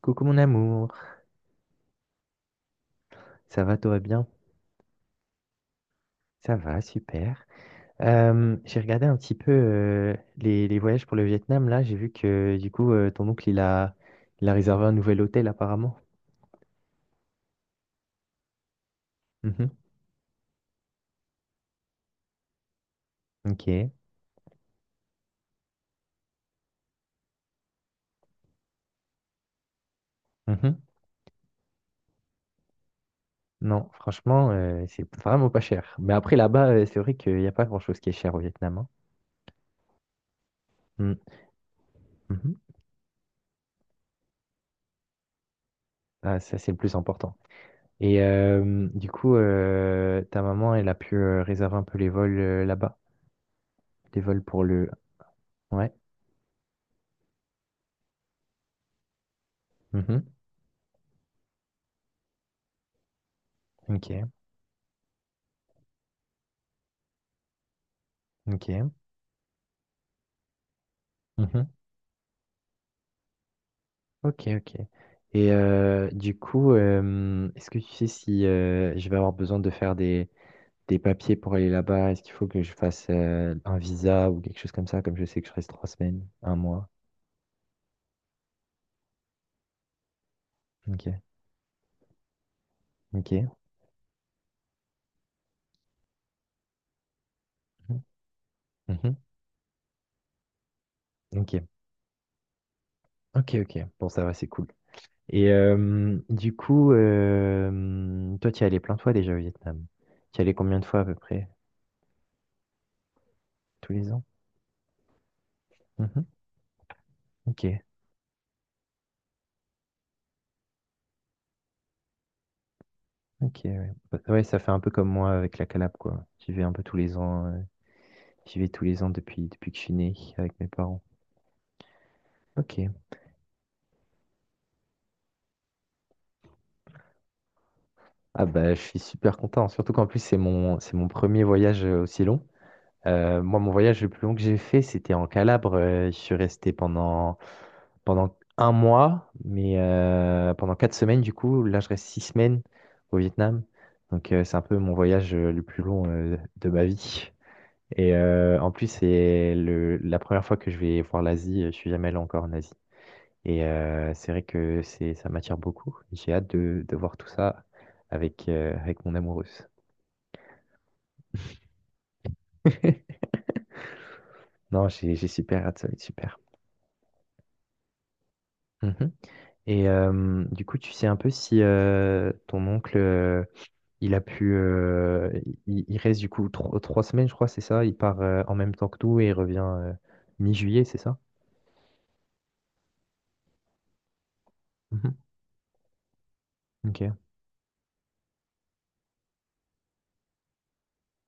Coucou mon amour, ça va, tout va bien? Ça va, super. J'ai regardé un petit peu les voyages pour le Vietnam, là, j'ai vu que du coup ton oncle il a réservé un nouvel hôtel apparemment. Mhm. Ok. Mhm. Non, franchement, c'est vraiment pas cher. Mais après là-bas, c'est vrai qu'il n'y a pas grand-chose qui est cher au Vietnam, hein. Mm. Mhm. Ah, ça, c'est le plus important. Et du coup, ta maman, elle a pu réserver un peu les vols là-bas, les vols pour le... Ouais. Mhm. Ok. OK. Mhm. OK, OK. Et du coup, est-ce que tu sais si je vais avoir besoin de faire des papiers pour aller là-bas? Est-ce qu'il faut que je fasse un visa ou quelque chose comme ça, comme je sais que je reste 3 semaines, un mois? OK, OK. Mhm. Mhm. OK, OK, OK. Bon, ça va, c'est cool. Et du coup, toi, tu y es allé plein de fois déjà au Vietnam. Tu y es allé combien de fois à peu près? Tous les ans? Mhm. OK. Ok, ouais. Bah, ouais, ça fait un peu comme moi avec la Calabre, quoi. J'y vais un peu tous les ans. J'y vais tous les ans depuis que je suis né avec mes parents. Ok. Ah bah, je suis super content, surtout qu'en plus, c'est mon premier voyage aussi long. Moi, mon voyage le plus long que j'ai fait, c'était en Calabre. Je suis resté pendant un mois, mais pendant 4 semaines, du coup. Là, je reste 6 semaines au Vietnam. Donc, c'est un peu mon voyage le plus long de ma vie. Et en plus, c'est la première fois que je vais voir l'Asie. Je suis jamais allé encore en Asie. Et c'est vrai que ça m'attire beaucoup. J'ai hâte de voir tout ça avec mon amoureuse. Non, j'ai super hâte, ça va être super. Mhm. Et du coup, tu sais un peu si ton oncle, il a pu, il reste du coup 3 semaines, je crois, c'est ça? Il part en même temps que nous et il revient mi-juillet, c'est ça? Mhm. Ok.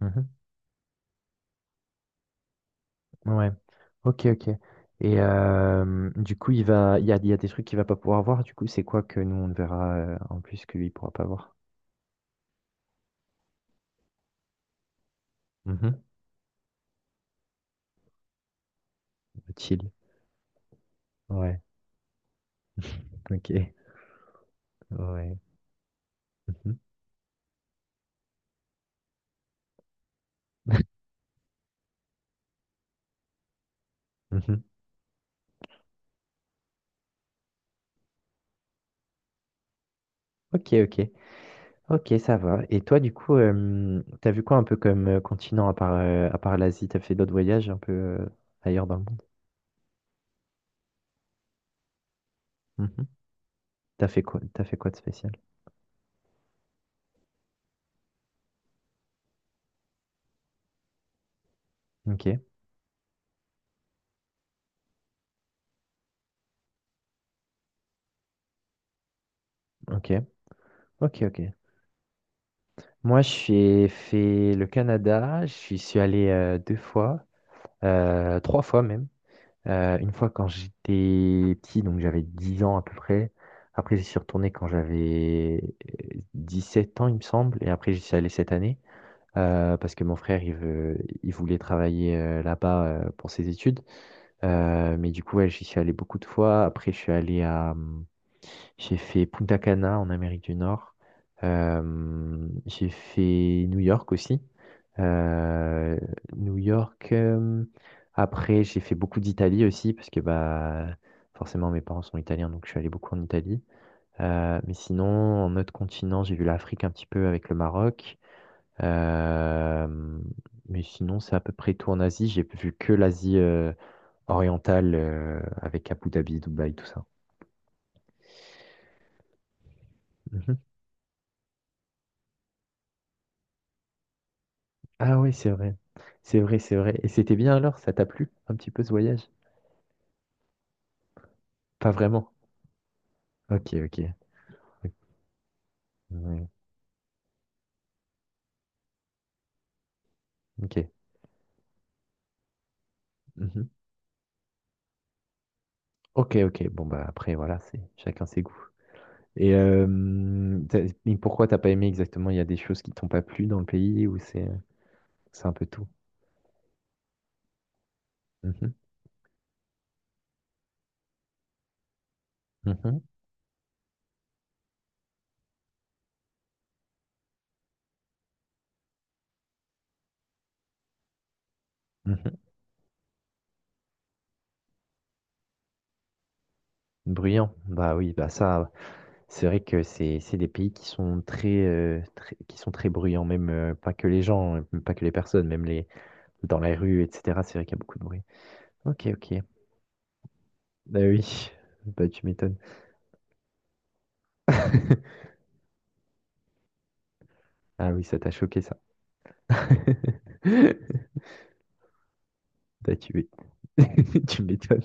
Mhm. Ouais. Ok, ok. Et du coup, il va, il y a des trucs qu'il va pas pouvoir voir. Du coup, c'est quoi que nous, on ne verra en plus que lui, il pourra pas voir? Mhm. Chill. Ouais. Ok. Ouais. Mhm. Mhm. Ok, ok. Ok, ça va. Et toi, du coup, t'as vu quoi un peu comme continent à part l'Asie? T'as fait d'autres voyages un peu ailleurs dans le monde? Mhm. T'as fait quoi de spécial? Ok, ok, ok, ok. Moi, je suis fait le Canada. Je suis allé deux fois. Trois fois même. Une fois quand j'étais petit, donc j'avais 10 ans à peu près. Après, j'y suis retourné quand j'avais 7 ans, il me semble. Et après, j'y suis allé cette année parce que mon frère, il voulait travailler là-bas pour ses études. Mais du coup, ouais, j'y suis allé beaucoup de fois. Après, je suis allé à... J'ai fait Punta Cana en Amérique du Nord. J'ai fait New York aussi. Euh, New York. Après, j'ai fait beaucoup d'Italie aussi, parce que bah, forcément, mes parents sont italiens, donc je suis allé beaucoup en Italie. Mais sinon, en autre continent, j'ai vu l'Afrique un petit peu avec le Maroc. Euh, mais sinon, c'est à peu près tout en Asie. J'ai vu que l'Asie orientale, avec Abu Dhabi, Dubaï, tout ça. Mhm. Ah oui, c'est vrai. C'est vrai, c'est vrai. Et c'était bien alors? Ça t'a plu un petit peu ce voyage? Pas vraiment. Ok, ok. Ouais, ok. Mhm. Ok, ok. Bon, bah après, voilà, c'est chacun ses goûts. Et pourquoi t'as pas aimé exactement? Il y a des choses qui t'ont pas plu dans le pays ou c'est un peu tout? Mhm. Mhm. Mhm. Bruyant. Bah oui, bah ça. C'est vrai que c'est des pays qui sont très, très, qui sont très bruyants, même, pas que les gens, même pas que les personnes, même les dans la rue et cetera, c'est vrai qu'il y a beaucoup de bruit. OK, OK. Bah, oui, bah, tu m'étonnes. Ah oui, ça t'a choqué ça. Bah, tu m'é tu m'étonnes.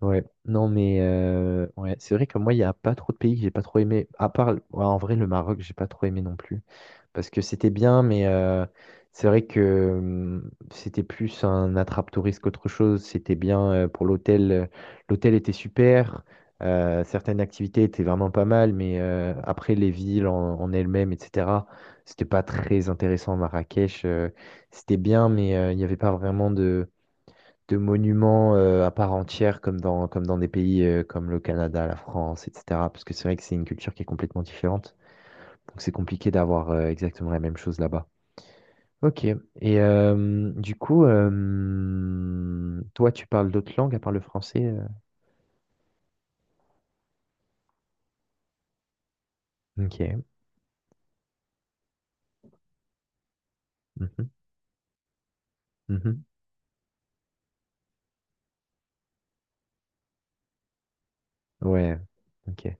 Ouais, non mais, ouais, c'est vrai que moi, il y a pas trop de pays que j'ai pas trop aimé, à part, ouais, en vrai, le Maroc, j'ai pas trop aimé non plus. Parce que c'était bien, mais c'est vrai que c'était plus un attrape-touriste qu'autre chose. C'était bien pour l'hôtel. L'hôtel était super. Certaines activités étaient vraiment pas mal, mais après les villes en elles-mêmes, etc., c'était pas très intéressant. Marrakech, c'était bien, mais il n'y avait pas vraiment de monuments à part entière comme dans des pays comme le Canada, la France, etc. Parce que c'est vrai que c'est une culture qui est complètement différente. Donc c'est compliqué d'avoir exactement la même chose là-bas. Ok. Et du coup, toi, tu parles d'autres langues à part le français? Ok. Mhm, mhm. Ouais. Ok.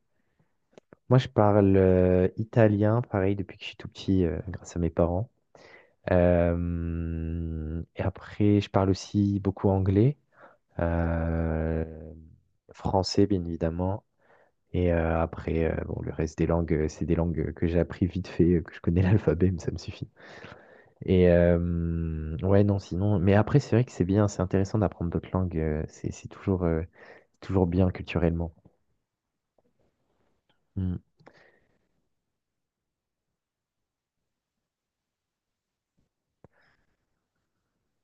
Moi, je parle italien, pareil, depuis que je suis tout petit, grâce à mes parents. Et après, je parle aussi beaucoup anglais, euh, français, bien évidemment. Et après, bon, le reste des langues, c'est des langues que j'ai appris vite fait, que je connais l'alphabet, mais ça me suffit. Et ouais, non, sinon mais après, c'est vrai que c'est bien, c'est intéressant d'apprendre d'autres langues, c'est toujours, toujours bien culturellement. Mmh,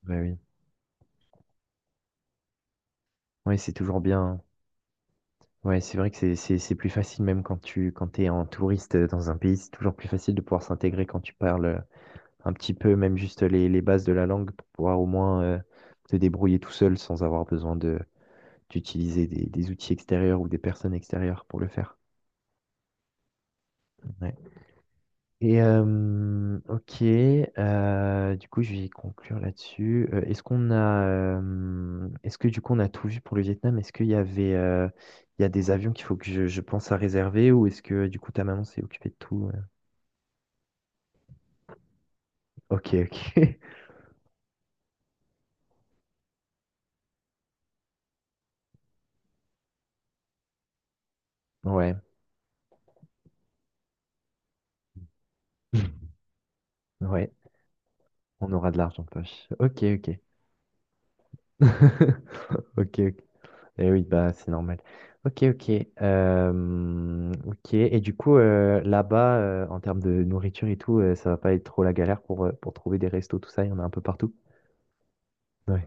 bah, oui. Ouais, c'est toujours bien. Ouais, c'est vrai que c'est plus facile, même quand tu quand t'es es en touriste, dans un pays, c'est toujours plus facile de pouvoir s'intégrer quand tu parles, un petit peu, même juste les bases de la langue pour pouvoir au moins, te débrouiller tout seul sans avoir besoin de d'utiliser des outils extérieurs ou des personnes extérieures pour le faire. Ouais. Et ok, du coup je vais conclure là-dessus. Est-ce que du coup on a tout vu pour le Vietnam? Est-ce qu'il y avait, il y a des avions qu'il faut que je pense à réserver ou est-ce que du coup ta maman s'est occupée de tout? Ok, ok, ouais, ouais, on aura de l'argent de poche. Ok, ok, ok, ok. Eh oui, bah, c'est normal. Ok, ok. Ok. Et du coup, là-bas, en termes de nourriture et tout, ça va pas être trop la galère pour trouver des restos, tout ça, il y en a un peu partout. Ouais,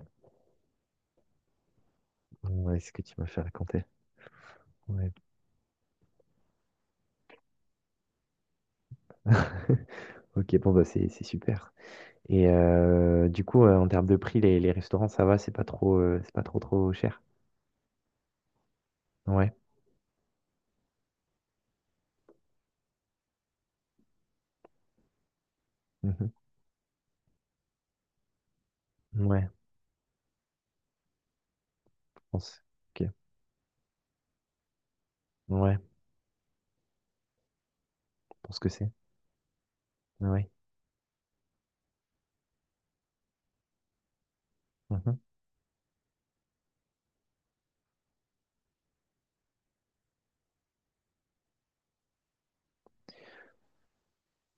ouais, c'est ce que tu m'as fait raconter. Ouais. Ok, bon, bah, c'est super. Et du coup, en termes de prix, les restaurants, ça va, c'est pas trop, trop cher. Ouais. Mhm, ouais, je pense. Ok. Ouais, je pense que c'est. Ouais. Mhm,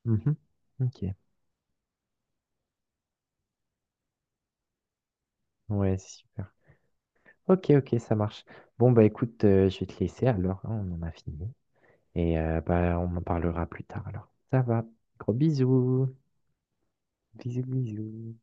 mhm. Ok. Ouais, c'est super. Ok, ok, ça marche. Bon, bah écoute, je vais te laisser alors, hein, on en a fini. Et bah, on en parlera plus tard alors. Ça va. Gros bisous. Bisous, bisous.